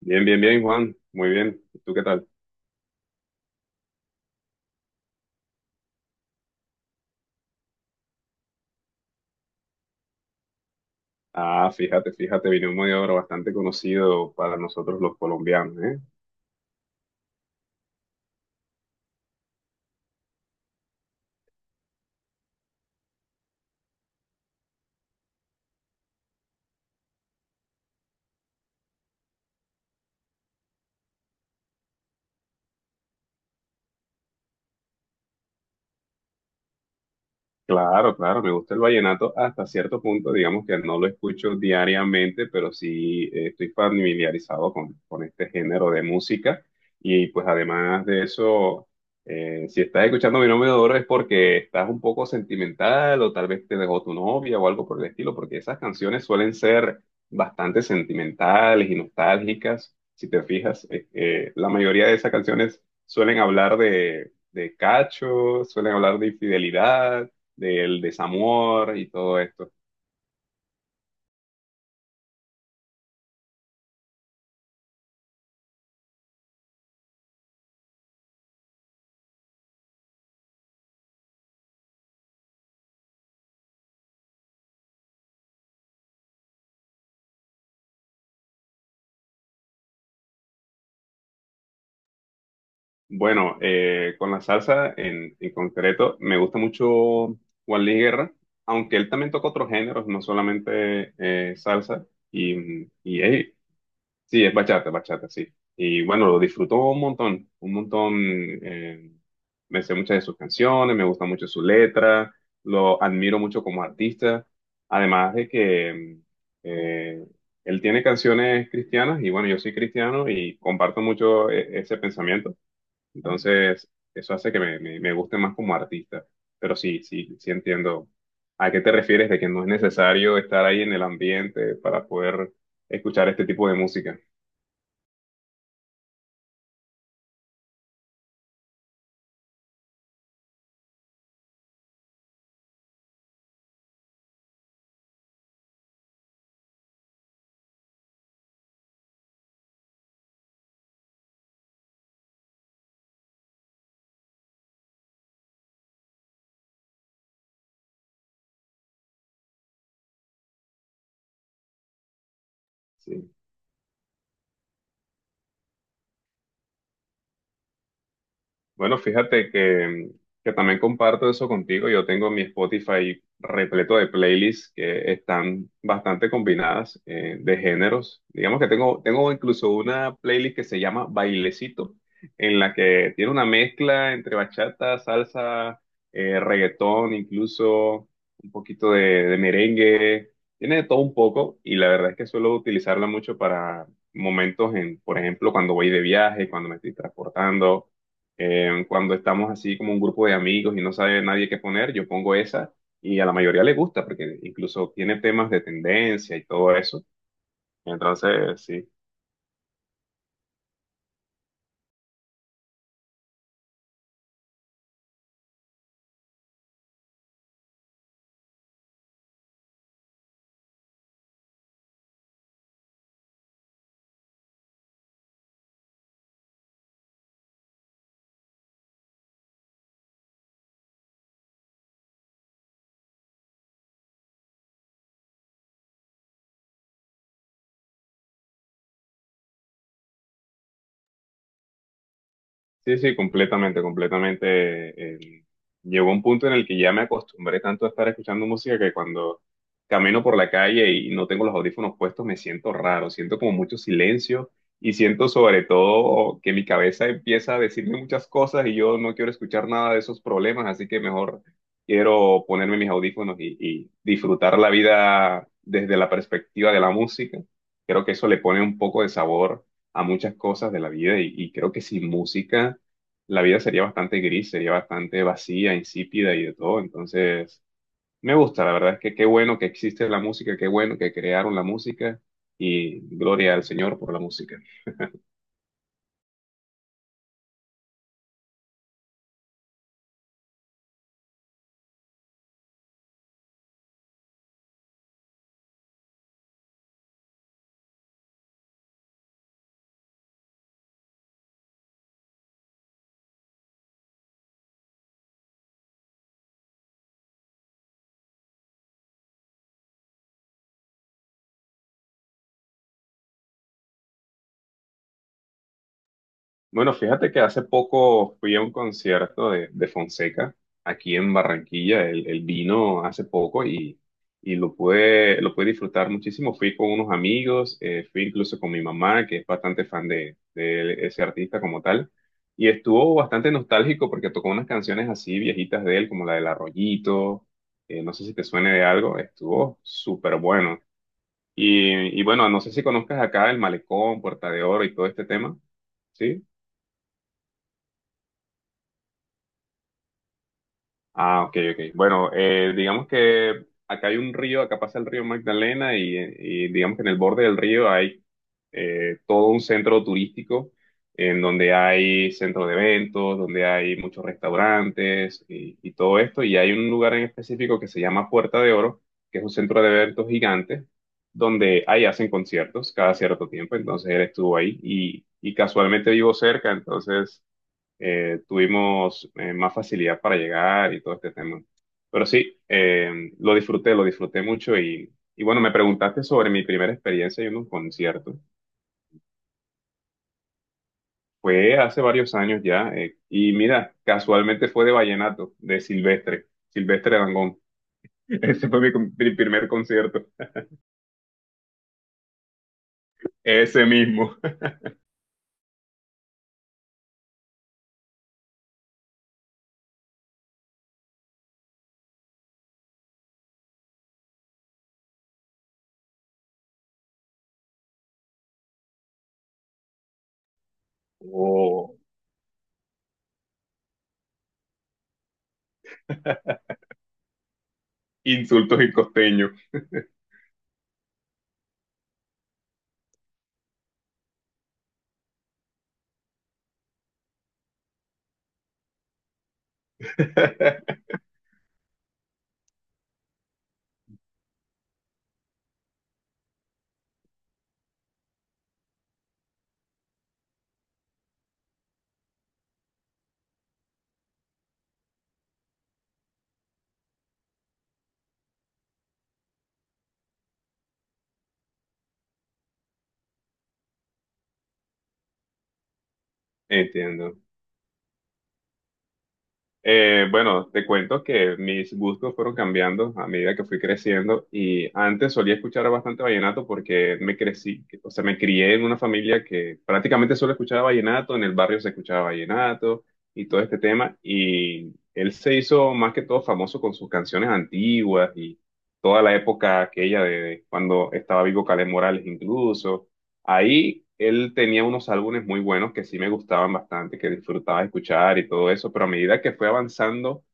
Bien, bien, bien, Juan. Muy bien. ¿Y tú qué tal? Ah, fíjate, fíjate, vino un mediador bastante conocido para nosotros los colombianos, ¿eh? Claro, claro, me gusta el vallenato hasta cierto punto, digamos que no lo escucho diariamente, pero sí estoy familiarizado con este género de música y pues además de eso, si estás escuchando Mi Nombre de Oro es porque estás un poco sentimental o tal vez te dejó tu novia o algo por el estilo, porque esas canciones suelen ser bastante sentimentales y nostálgicas, si te fijas, la mayoría de esas canciones suelen hablar de cacho, suelen hablar de infidelidad, del desamor y todo esto. Bueno, con la salsa en concreto, me gusta mucho Juan Luis Guerra, aunque él también toca otros géneros, no solamente salsa. Y hey, sí, es bachata, bachata, sí. Y bueno, lo disfruto un montón, un montón. eh, Me sé muchas de sus canciones, me gusta mucho su letra, lo admiro mucho como artista. Además de que eh, él tiene canciones cristianas y bueno, yo soy cristiano y comparto mucho ese pensamiento. Entonces, eso hace que me guste más como artista. Pero sí, sí, sí entiendo a qué te refieres de que no es necesario estar ahí en el ambiente para poder escuchar este tipo de música. Sí. Bueno, que también comparto eso contigo. Yo tengo mi Spotify repleto de playlists que están bastante combinadas de géneros. Digamos que tengo incluso una playlist que se llama Bailecito, en la que tiene una mezcla entre bachata, salsa, reggaetón, incluso un poquito de merengue. Tiene de todo un poco y la verdad es que suelo utilizarla mucho para momentos en, por ejemplo, cuando voy de viaje, cuando me estoy transportando. Cuando estamos así como un grupo de amigos y no sabe nadie qué poner, yo pongo esa y a la mayoría le gusta porque incluso tiene temas de tendencia y todo eso. Entonces, sí. Sí, sí, completamente, completamente. Llegó un punto en el que ya me acostumbré tanto a estar escuchando música que cuando camino por la calle y no tengo los audífonos puestos me siento raro, siento como mucho silencio y siento sobre todo que mi cabeza empieza a decirme muchas cosas y yo no quiero escuchar nada de esos problemas, así que mejor quiero ponerme mis audífonos y disfrutar la vida desde la perspectiva de la música. Creo que eso le pone un poco de sabor a muchas cosas de la vida y creo que sin música la vida sería bastante gris, sería bastante vacía, insípida y de todo. Entonces, me gusta, la verdad es que qué bueno que existe la música, qué bueno que crearon la música y gloria al Señor por la música. Bueno, fíjate que hace poco fui a un concierto de Fonseca aquí en Barranquilla. Él vino hace poco y lo pude disfrutar muchísimo. Fui con unos amigos, fui incluso con mi mamá, que es bastante fan de ese artista como tal. Y estuvo bastante nostálgico porque tocó unas canciones así viejitas de él, como la del Arroyito. No sé si te suene de algo. Estuvo súper bueno. Y bueno, no sé si conozcas acá el Malecón, Puerta de Oro y todo este tema. ¿Sí? Ah, ok, ok. Bueno, digamos que acá hay un río, acá pasa el río Magdalena y digamos que en el borde del río hay todo un centro turístico en donde hay centro de eventos, donde hay muchos restaurantes y todo esto. Y hay un lugar en específico que se llama Puerta de Oro, que es un centro de eventos gigante, donde ahí hacen conciertos cada cierto tiempo. Entonces él estuvo ahí y casualmente vivo cerca, entonces tuvimos más facilidad para llegar y todo este tema. Pero sí, lo disfruté mucho y bueno, me preguntaste sobre mi primera experiencia en un concierto. Fue hace varios años ya y mira, casualmente fue de vallenato, de Silvestre, Silvestre Dangond. Ese fue mi primer concierto, ese mismo. Oh, insultos y costeños. Entiendo. Bueno, te cuento que mis gustos fueron cambiando a medida que fui creciendo y antes solía escuchar bastante vallenato porque me crecí, o sea, me crié en una familia que prácticamente solo escuchaba vallenato, en el barrio se escuchaba vallenato y todo este tema y él se hizo más que todo famoso con sus canciones antiguas y toda la época aquella de cuando estaba vivo Caleb Morales incluso. Ahí él tenía unos álbumes muy buenos que sí me gustaban bastante, que disfrutaba escuchar y todo eso, pero a medida que fue avanzando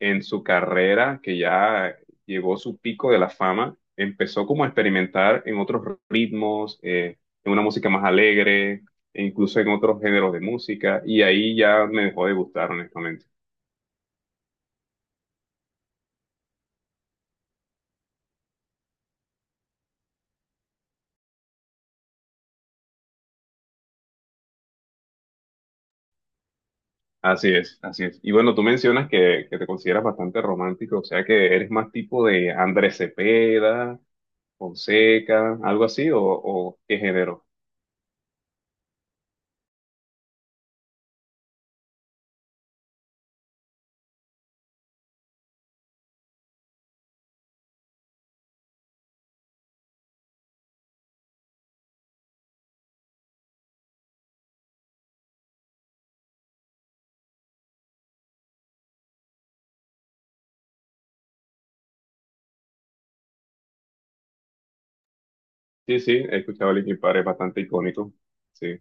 en su carrera, que ya llegó su pico de la fama, empezó como a experimentar en otros ritmos, en una música más alegre, e incluso en otros géneros de música, y ahí ya me dejó de gustar, honestamente. Así es, así es. Y bueno, tú mencionas que te consideras bastante romántico, o sea que eres más tipo de Andrés Cepeda Fonseca, algo así, o qué género. Sí, sí, he escuchado Linkin Park, es bastante icónico. Sí.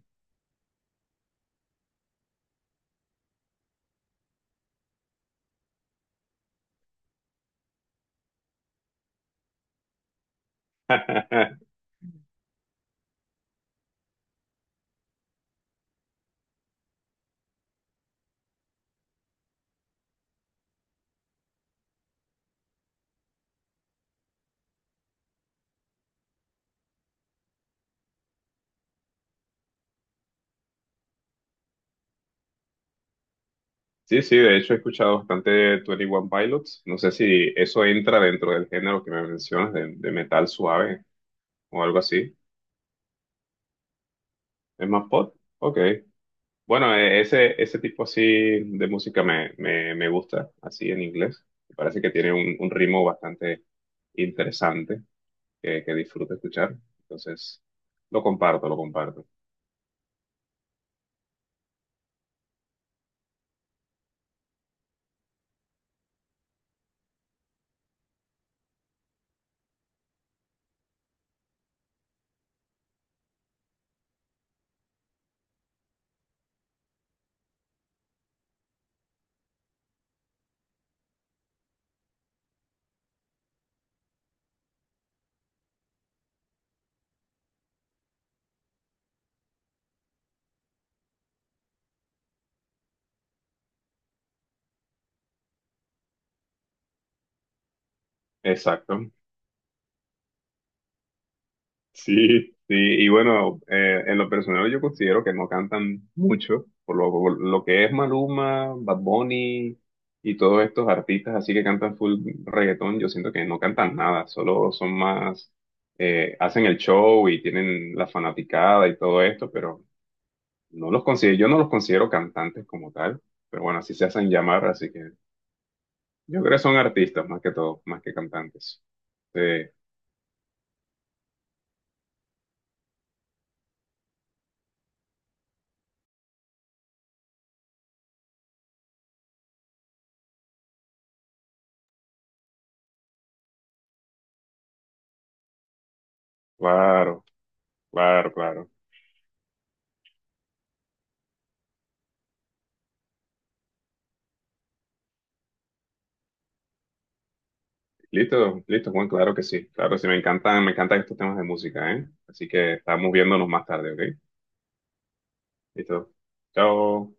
Sí, sí, de hecho he escuchado bastante twenty one Pilots. No sé si eso entra dentro del género que me mencionas, de metal suave o algo así. ¿Es más pop? Ok. Bueno, ese tipo así de música me gusta, así en inglés. Me parece que tiene un ritmo bastante interesante que disfruto escuchar. Entonces, lo comparto, lo comparto. Exacto. Sí, sí, y bueno, en lo personal yo considero que no cantan mucho, por lo que es Maluma, Bad Bunny y todos estos artistas así que cantan full reggaetón, yo siento que no cantan nada, solo son más, hacen el show y tienen la fanaticada y todo esto, pero no los considero, yo no los considero cantantes como tal, pero bueno, así se hacen llamar, así que yo creo que son artistas más que todo, más que cantantes. Sí, claro, claro, claro. Listo, listo, Juan, claro que sí. Claro, sí, me encantan estos temas de música, ¿eh? Así que estamos viéndonos más tarde, ¿ok? Listo. Chao.